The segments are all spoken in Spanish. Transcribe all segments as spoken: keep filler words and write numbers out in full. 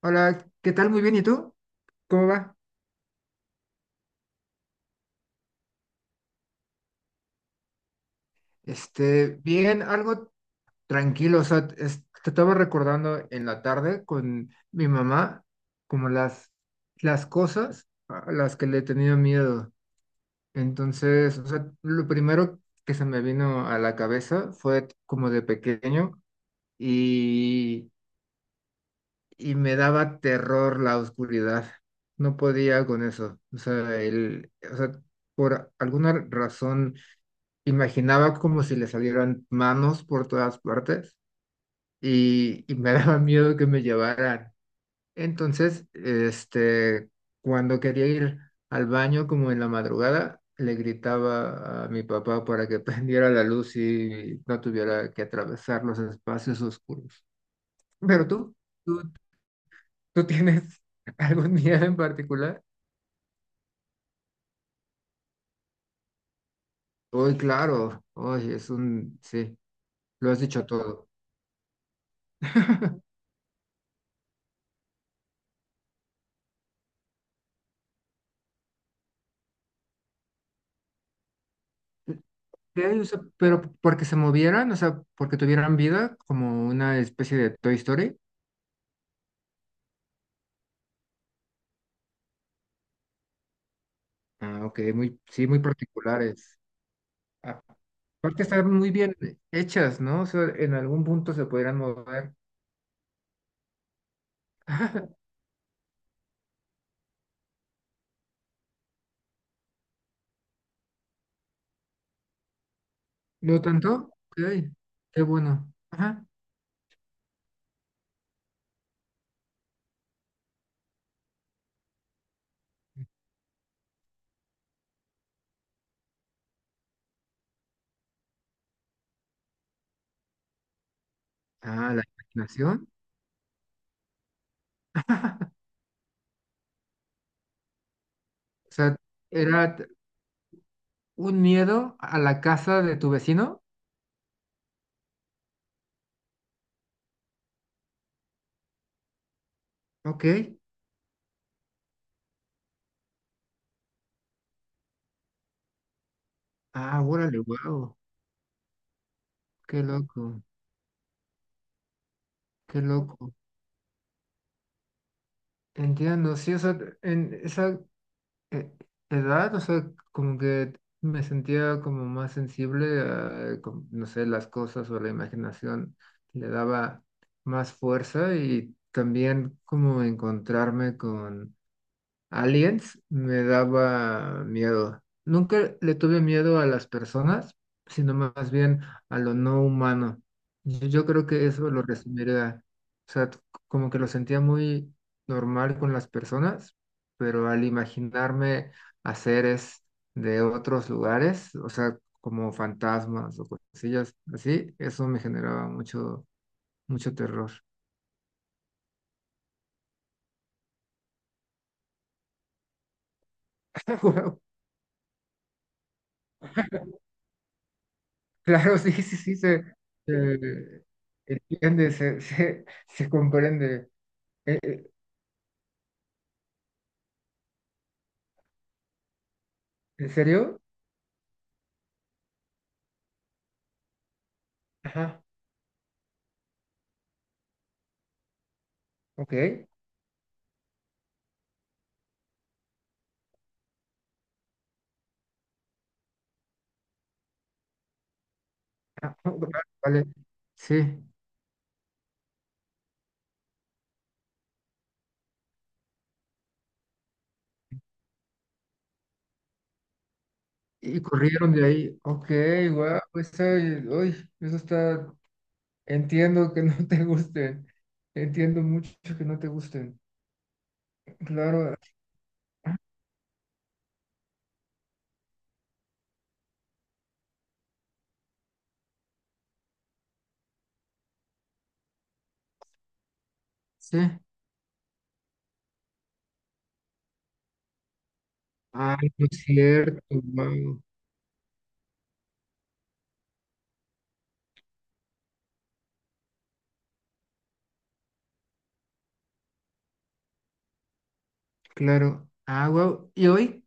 Hola, ¿qué tal? Muy bien, ¿y tú? ¿Cómo va? Este, bien, algo tranquilo, o sea, es- te estaba recordando en la tarde con mi mamá como las, las cosas a las que le he tenido miedo. Entonces, o sea, lo primero que se me vino a la cabeza fue como de pequeño y, y me daba terror la oscuridad. No podía con eso. O sea, el, o sea, por alguna razón imaginaba como si le salieran manos por todas partes y, y me daba miedo que me llevaran. Entonces, este, cuando quería ir al baño como en la madrugada, le gritaba a mi papá para que prendiera la luz y no tuviera que atravesar los espacios oscuros. Pero tú, tú, tú tienes algún miedo en particular? Hoy, claro, hoy es un, sí, lo has dicho todo. Ok, o sea, pero porque se movieran, o sea, porque tuvieran vida, como una especie de Toy Story. Ah, ok, muy, sí, muy particulares. Ah, aparte están muy bien hechas, ¿no? O sea, en algún punto se podrían mover. Ajá, ¿no tanto? Ok, qué bueno. Ajá. Ah, la imaginación. O sea, era t- un miedo a la casa de tu vecino. Ok. Ah, órale, wow. Qué loco, qué loco. Entiendo, sí, o sea, en esa eh, edad, o sea, como que me sentía como más sensible a, com- no sé, las cosas o la imaginación le daba más fuerza y también como encontrarme con Aliens me daba miedo. Nunca le tuve miedo a las personas, sino más bien a lo no humano. Yo, yo creo que eso lo resumiría. O sea, c- como que lo sentía muy normal con las personas, pero al imaginarme a seres de otros lugares, o sea, como fantasmas o cosillas así, eso me generaba mucho, mucho terror. Claro, sí, sí, sí, se, se entiende, se, se, se comprende. Eh, eh, ¿En serio? Ajá, ok. Ah, oh, va- vale, sí. Y corrieron de ahí. Ok, wow, eso, uy, eso está. Entiendo que no te gusten. Entiendo mucho que no te gusten. Claro, sí. Ah, no es cierto, wow. Claro. Ah, wow. ¿Y hoy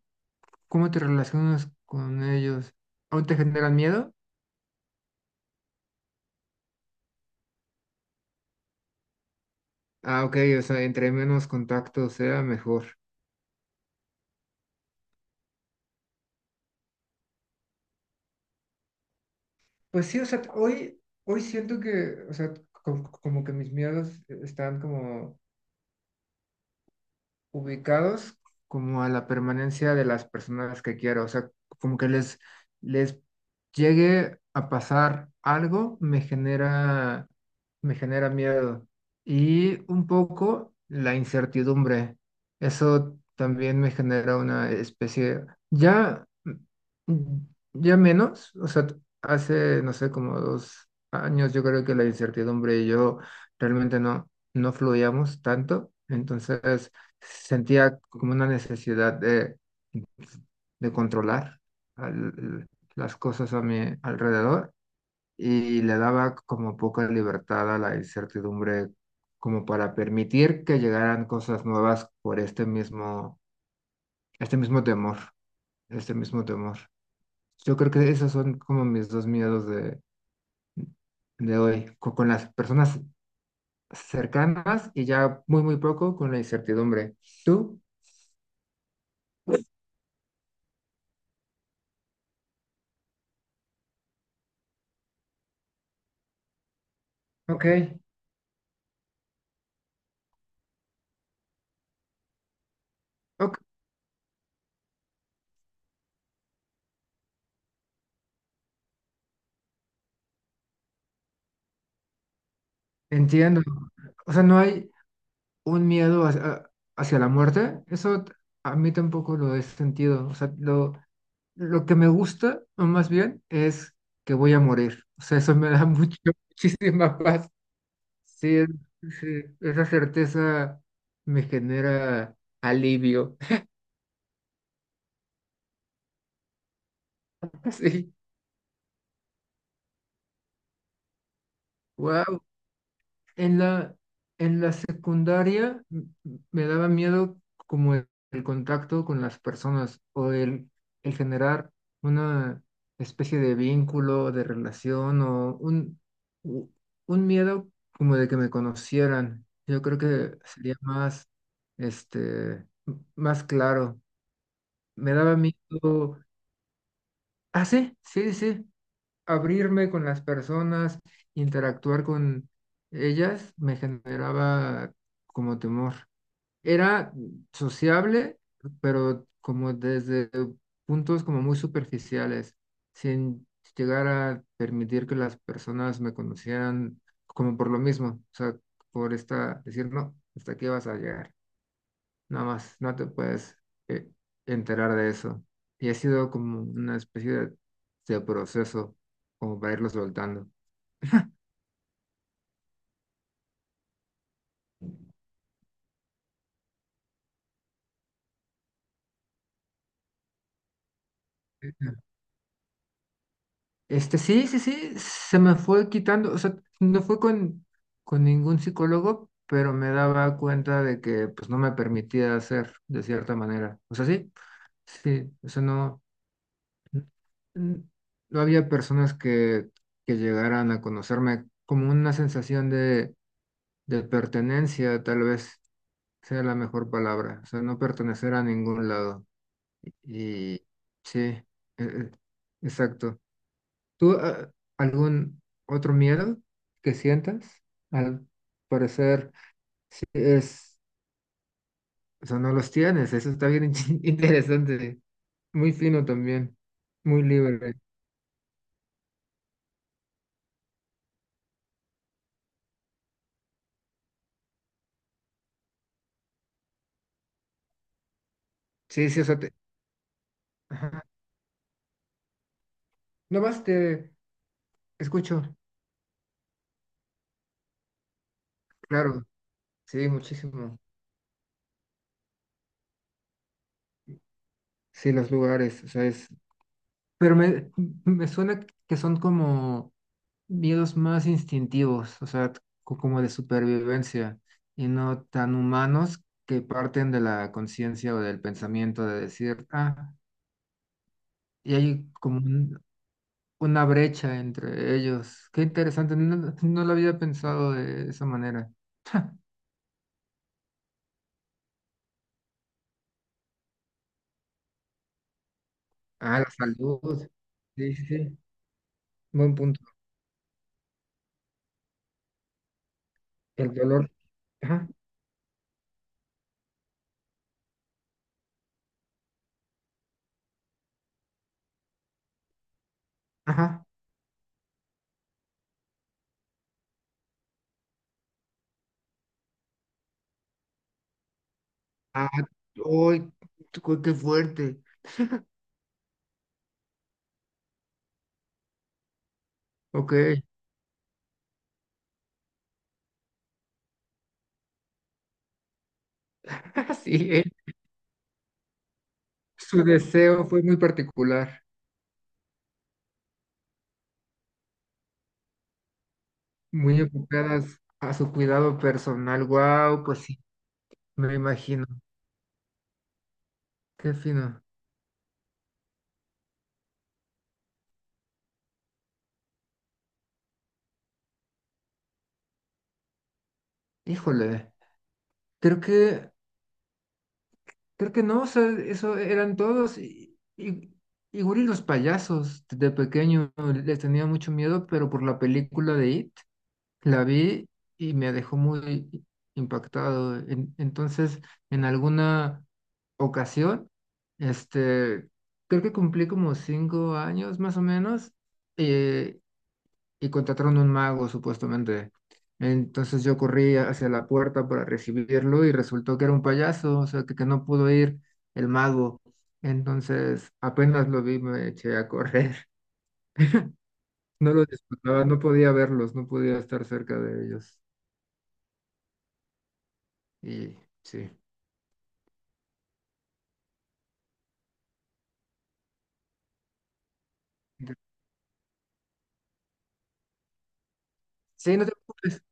cómo te relacionas con ellos? ¿Aún te generan miedo? Ah, ok, o sea, entre menos contactos sea mejor. Pues sí, o sea, hoy, hoy siento que, o sea, co- como que mis miedos eh, están como ubicados como a la permanencia de las personas que quiero, o sea, como que les, les llegue a pasar algo, me genera, me genera miedo y un poco la incertidumbre. Eso también me genera una especie, ya, mm, ya menos, o sea, hace, no sé, como dos años, yo creo que la incertidumbre y yo realmente no, no fluíamos tanto, entonces sentía como una necesidad de, de, controlar al- las cosas a mi alrededor y le daba como poca libertad a la incertidumbre como para permitir que llegaran cosas nuevas por este mismo, este mismo temor, este mismo temor. Yo creo que esos son como mis dos miedos de, de, hoy, co- con, las personas cercanas y ya muy, muy poco con la incertidumbre. ¿Tú? Ok, ok, entiendo. O sea, no hay un miedo hacia, hacia, la muerte. Eso t- a mí tampoco lo he sentido. O sea, lo, lo que me gusta, o más bien, es que voy a morir. O sea, eso me da mucho, muchísima paz. Sí, es- sí, esa certeza me genera alivio. Sí, wow. En la, en la, secundaria m- me daba miedo como el, el contacto con las personas o el, el generar una especie de vínculo, de relación o un, u- un miedo como de que me conocieran. Yo creo que sería más, este, m- más claro. Me daba miedo. Ah, sí, sí, sí abrirme con las personas, interactuar con ellas, me generaba como temor. Era sociable, pero como desde puntos como muy superficiales, sin llegar a permitir que las personas me conocieran como por lo mismo, o sea, por esta, decir, no, hasta aquí vas a llegar nada más, no te puedes eh, enterar de eso. Y ha sido como una especie de, de, proceso, como para irlo soltando. Este, sí, sí, sí, se me fue quitando, o sea, no fue con, con ningún psicólogo, pero me daba cuenta de que pues no me permitía hacer de cierta manera. O sea, sí, sí, o sea, no, n- no había personas que, que, llegaran a conocerme como una sensación de, de pertenencia, tal vez, sea la mejor palabra, o sea, no pertenecer a ningún lado. Y sí, eh, eh, exacto. ¿Tú ah, algún otro miedo que sientas? Al parecer, sí es, o sea, no los tienes, eso está bien interesante, muy fino también, muy libre. Sí, sí, o sea, te, ajá. No más te escucho, claro, sí, muchísimo. Sí, los lugares, o sea, es, pero me, me suena que son como miedos más instintivos, o sea, co- como de supervivencia y no tan humanos que parten de la conciencia o del pensamiento de decir, ah, y hay como un- una brecha entre ellos. Qué interesante, no, no no lo había pensado de esa manera. Ah, la salud. Sí, sí, sí, buen punto. El dolor. Ajá, ajá. Ah, uy, qué fuerte. Ok. Sí, eh, su deseo fue muy particular. Muy enfocadas a su cuidado personal. Wow, pues sí, me imagino. Qué fino. Híjole, creo que, creo que no, o sea, eso eran todos. Y, y, igual y los payasos de pequeño les tenía mucho miedo, pero por la película de It la vi y me dejó muy impactado. En- entonces, en alguna ocasión, este, creo que cumplí como cinco años más o menos eh, y contrataron un mago, supuestamente. Entonces yo corrí hacia la puerta para recibirlo y resultó que era un payaso, o sea, que, que, no pudo ir el mago. Entonces apenas lo vi, me eché a correr. No lo disfrutaba, no podía verlos, no podía estar cerca de ellos. Y sí. Sí, no te preocupes.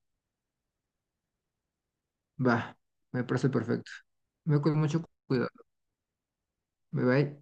Va, me parece perfecto. Me voy con mucho cuidado. Bye bye.